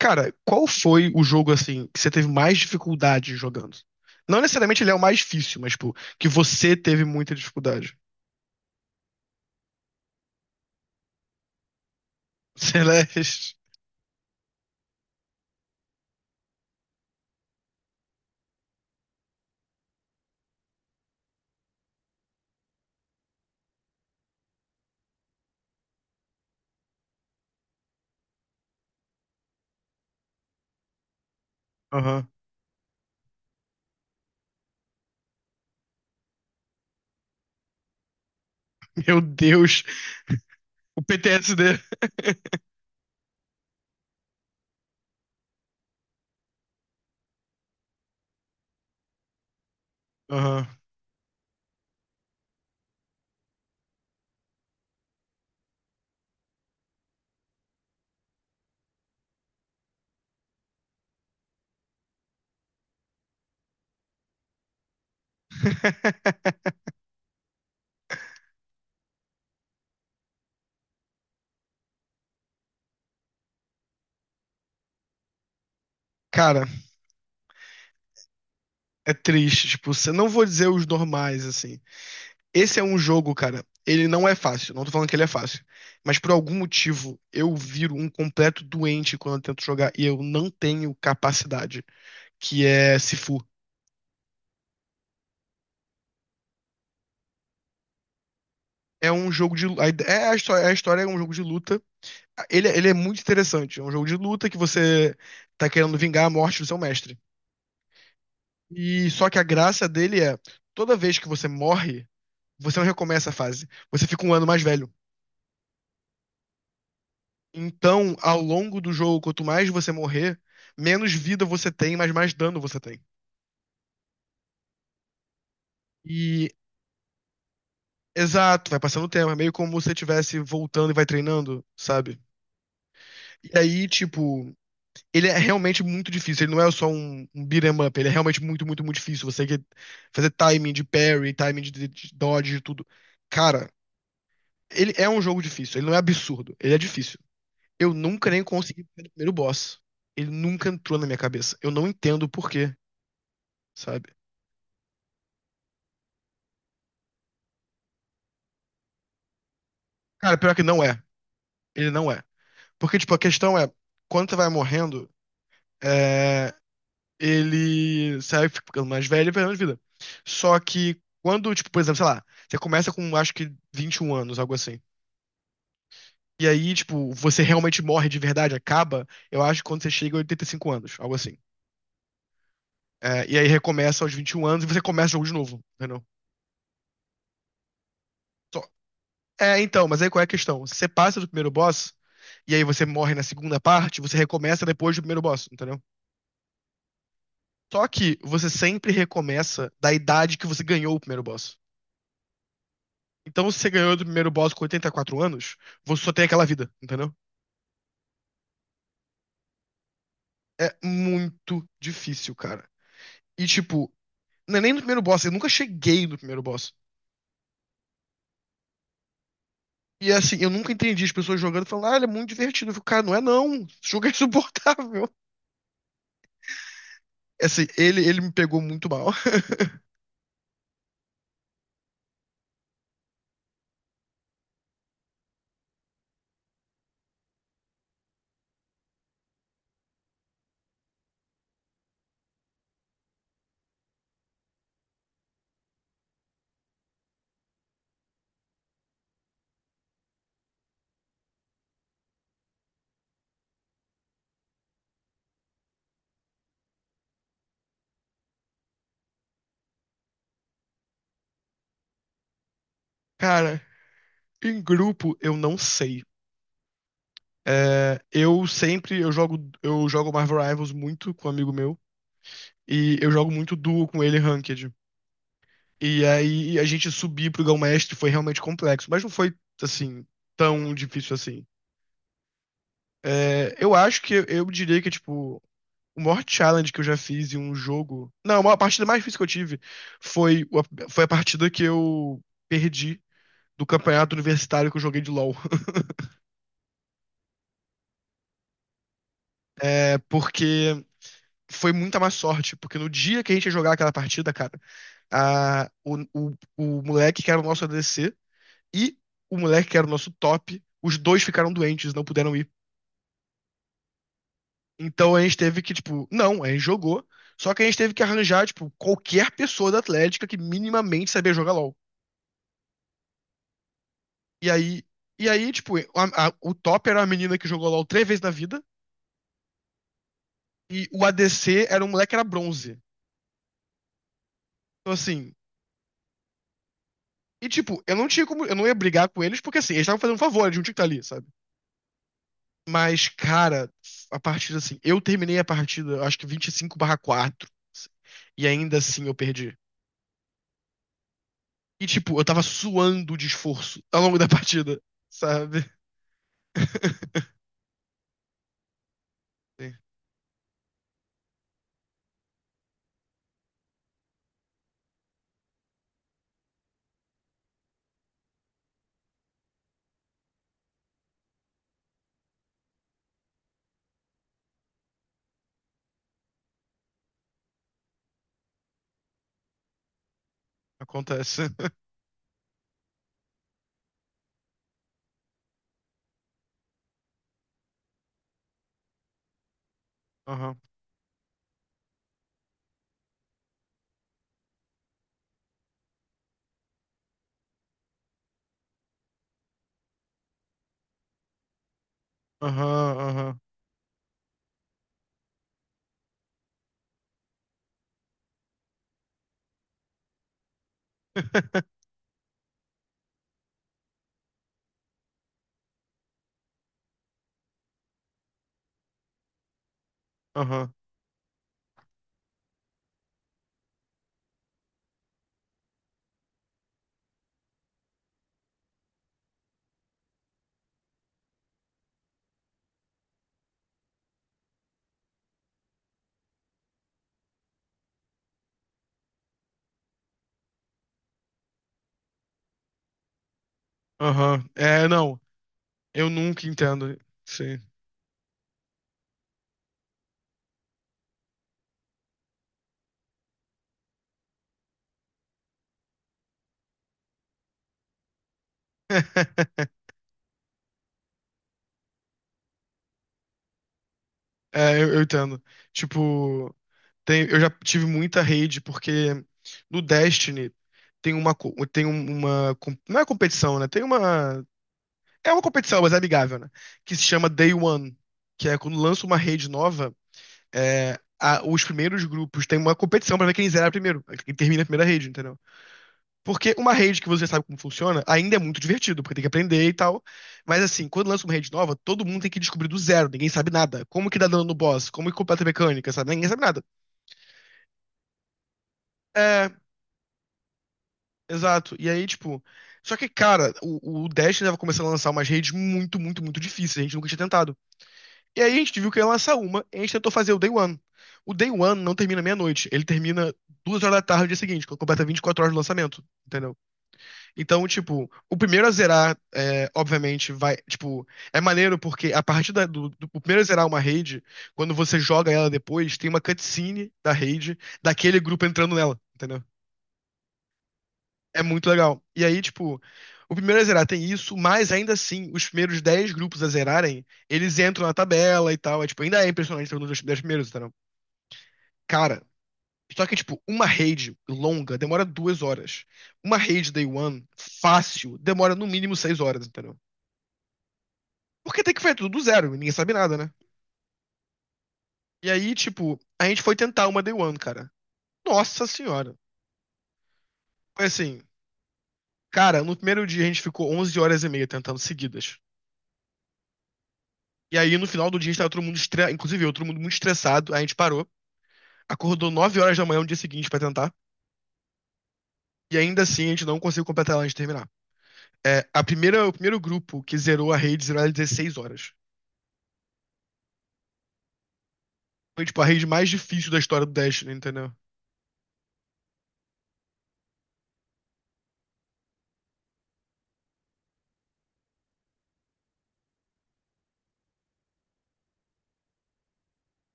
Cara, qual foi o jogo assim que você teve mais dificuldade jogando? Não necessariamente ele é o mais difícil, mas tipo, que você teve muita dificuldade. Celeste. Aham. Meu Deus, o PTSD. Aham. Cara, é triste, tipo, você não vou dizer os normais assim. Esse é um jogo, cara, ele não é fácil, não tô falando que ele é fácil, mas por algum motivo eu viro um completo doente quando eu tento jogar e eu não tenho capacidade, que é Sifu. É um jogo É a história é um jogo de luta. Ele é muito interessante. É um jogo de luta que você tá querendo vingar a morte do seu mestre. E só que a graça dele é, toda vez que você morre, você não recomeça a fase. Você fica um ano mais velho. Então, ao longo do jogo, quanto mais você morrer, menos vida você tem, mas mais dano você tem. E exato, vai passando o tempo, é meio como se você estivesse voltando e vai treinando, sabe? E aí, tipo, ele é realmente muito difícil. Ele não é só um beat 'em up. Ele é realmente muito, muito, muito difícil. Você tem que fazer timing de parry, timing de dodge, de tudo. Cara, ele é um jogo difícil. Ele não é absurdo. Ele é difícil. Eu nunca nem consegui pegar o primeiro boss. Ele nunca entrou na minha cabeça. Eu não entendo o porquê, sabe? Cara, pior que não é. Ele não é. Porque, tipo, a questão é, quando você vai morrendo, é, ele sai ficando mais velho e vai dando vida. Só que quando, tipo, por exemplo, sei lá, você começa com acho que 21 anos, algo assim. E aí, tipo, você realmente morre de verdade, acaba, eu acho que quando você chega a 85 anos, algo assim. É, e aí recomeça aos 21 anos e você começa o jogo de novo, entendeu? Só- É, então, mas aí qual é a questão? Você passa do primeiro boss, e aí você morre na segunda parte, você recomeça depois do primeiro boss, entendeu? Só que você sempre recomeça da idade que você ganhou o primeiro boss. Então, se você ganhou do primeiro boss com 84 anos, você só tem aquela vida, entendeu? É muito difícil, cara. E, tipo, não é nem no primeiro boss, eu nunca cheguei no primeiro boss. E, assim, eu nunca entendi as pessoas jogando e falando, ah, ele é muito divertido. Eu fico, cara, não é não. Esse jogo é insuportável. É assim, ele me pegou muito mal. Cara, em grupo, eu não sei. É, eu jogo Marvel Rivals muito com um amigo meu. E eu jogo muito duo com ele ranked. E aí a gente subir pro Grão-Mestre foi realmente complexo, mas não foi, assim, tão difícil assim. É, eu acho que eu diria que, tipo, o maior challenge que eu já fiz em um jogo. Não, a maior partida mais difícil que eu tive foi, foi a partida que eu perdi do campeonato universitário que eu joguei de LoL. É, porque. Foi muita má sorte, porque no dia que a gente ia jogar aquela partida, cara, o moleque que era o nosso ADC e o moleque que era o nosso top, os dois ficaram doentes, não puderam ir. Então a gente teve que, tipo, não, a gente jogou. Só que a gente teve que arranjar, tipo, qualquer pessoa da Atlética que minimamente sabia jogar LOL. E aí, e aí, tipo, o top era uma menina que jogou LOL três vezes na vida, e o ADC era um moleque que era bronze. Então, assim, e tipo, eu não tinha como, eu não ia brigar com eles, porque assim, eles estavam fazendo um favor, eles não tinham que estar ali, sabe? Mas, cara, a partida, assim, eu terminei a partida, acho que 25/4, assim, e ainda assim eu perdi. E, tipo, eu tava suando de esforço ao longo da partida, sabe? Sim, acontece. Aham, aham, aham. Aham, aham. É, não, eu nunca entendo. Sim. É, eu entendo. Tipo, eu já tive muita rede, porque no Destiny tem uma, co- tem um- uma. Com- não é competição, né? Tem uma. É uma competição, mas é amigável, né? Que se chama Day One. Que é quando lança uma rede nova, os primeiros grupos têm uma competição pra ver quem zera primeiro, quem termina a primeira rede, entendeu? Porque uma rede que você sabe como funciona ainda é muito divertido, porque tem que aprender e tal. Mas assim, quando lança uma rede nova, todo mundo tem que descobrir do zero, ninguém sabe nada. Como que dá dano no boss? Como que completa a mecânica, sabe? Ninguém sabe nada. É, exato. E aí, tipo. Só que, cara, o Destiny tava começando a lançar umas redes muito, muito, muito difíceis, a gente nunca tinha tentado. E aí a gente viu que ia lançar uma, e a gente tentou fazer o Day One. O Day One não termina meia-noite, ele termina 2 horas da tarde no dia seguinte, quando completa 24 horas do lançamento, entendeu? Então, tipo, o primeiro a zerar, é, obviamente, vai. Tipo, é maneiro porque a partir da- do, do- o primeiro a zerar uma raid, quando você joga ela depois, tem uma cutscene da raid, daquele grupo entrando nela, entendeu? É muito legal. E aí, tipo, o primeiro a zerar tem isso, mas ainda assim, os primeiros 10 grupos a zerarem, eles entram na tabela e tal. É, tipo, ainda é impressionante ter um dos 10 primeiros, entendeu? Cara, só que, tipo, uma raid longa demora 2 horas. Uma raid day one, fácil, demora no mínimo 6 horas, entendeu? Porque tem que fazer tudo do zero, ninguém sabe nada, né? E aí, tipo, a gente foi tentar uma Day One, cara. Nossa senhora. Foi assim, cara, no primeiro dia a gente ficou 11 horas e meia tentando seguidas. E aí, no final do dia, a gente tava todo mundo estressado, inclusive eu, todo mundo muito estressado, aí a gente parou, acordou 9 horas da manhã no dia seguinte pra tentar, e ainda assim a gente não conseguiu completar ela antes de terminar. É, o primeiro grupo que zerou a rede zerou ela em 16 horas. Foi, tipo, a rede mais difícil da história do Destiny, entendeu?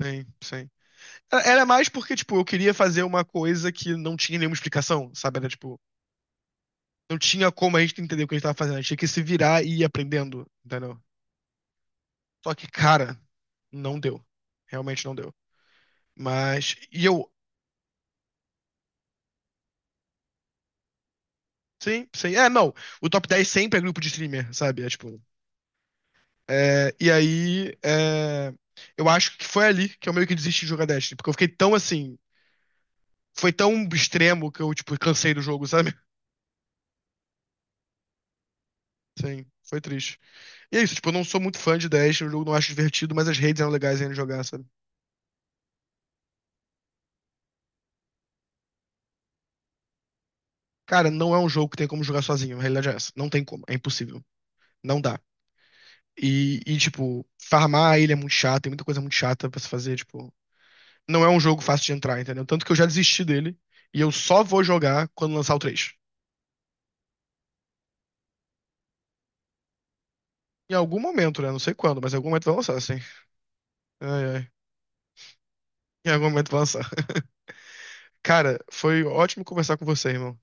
Sim, sim. Era mais porque, tipo, eu queria fazer uma coisa que não tinha nenhuma explicação, sabe? Era, tipo, não tinha como a gente entender o que a gente tava fazendo. A gente tinha que se virar e ir aprendendo, entendeu? Só que, cara, não deu. Realmente não deu. Mas, sim, sei. É, não. O top 10 sempre é grupo de streamer, sabe? É, tipo, e aí, eu acho que foi ali que eu meio que desisti de jogar Destiny, porque eu fiquei tão assim, foi tão extremo que eu, tipo, cansei do jogo, sabe? Sim, foi triste. E é isso, tipo, eu não sou muito fã de Dash, o jogo não acho divertido, mas as redes eram legais ainda de jogar, sabe? Cara, não é um jogo que tem como jogar sozinho, a realidade é essa. Não tem como, é impossível. Não dá. E, tipo, farmar a ilha é muito chato, tem muita coisa muito chata pra se fazer, tipo. Não é um jogo fácil de entrar, entendeu? Tanto que eu já desisti dele, e eu só vou jogar quando lançar o três. Em algum momento, né? Não sei quando, mas em algum momento vai lançar, assim. Ai, ai. Em algum momento vai lançar. Cara, foi ótimo conversar com você, irmão.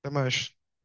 Até mais.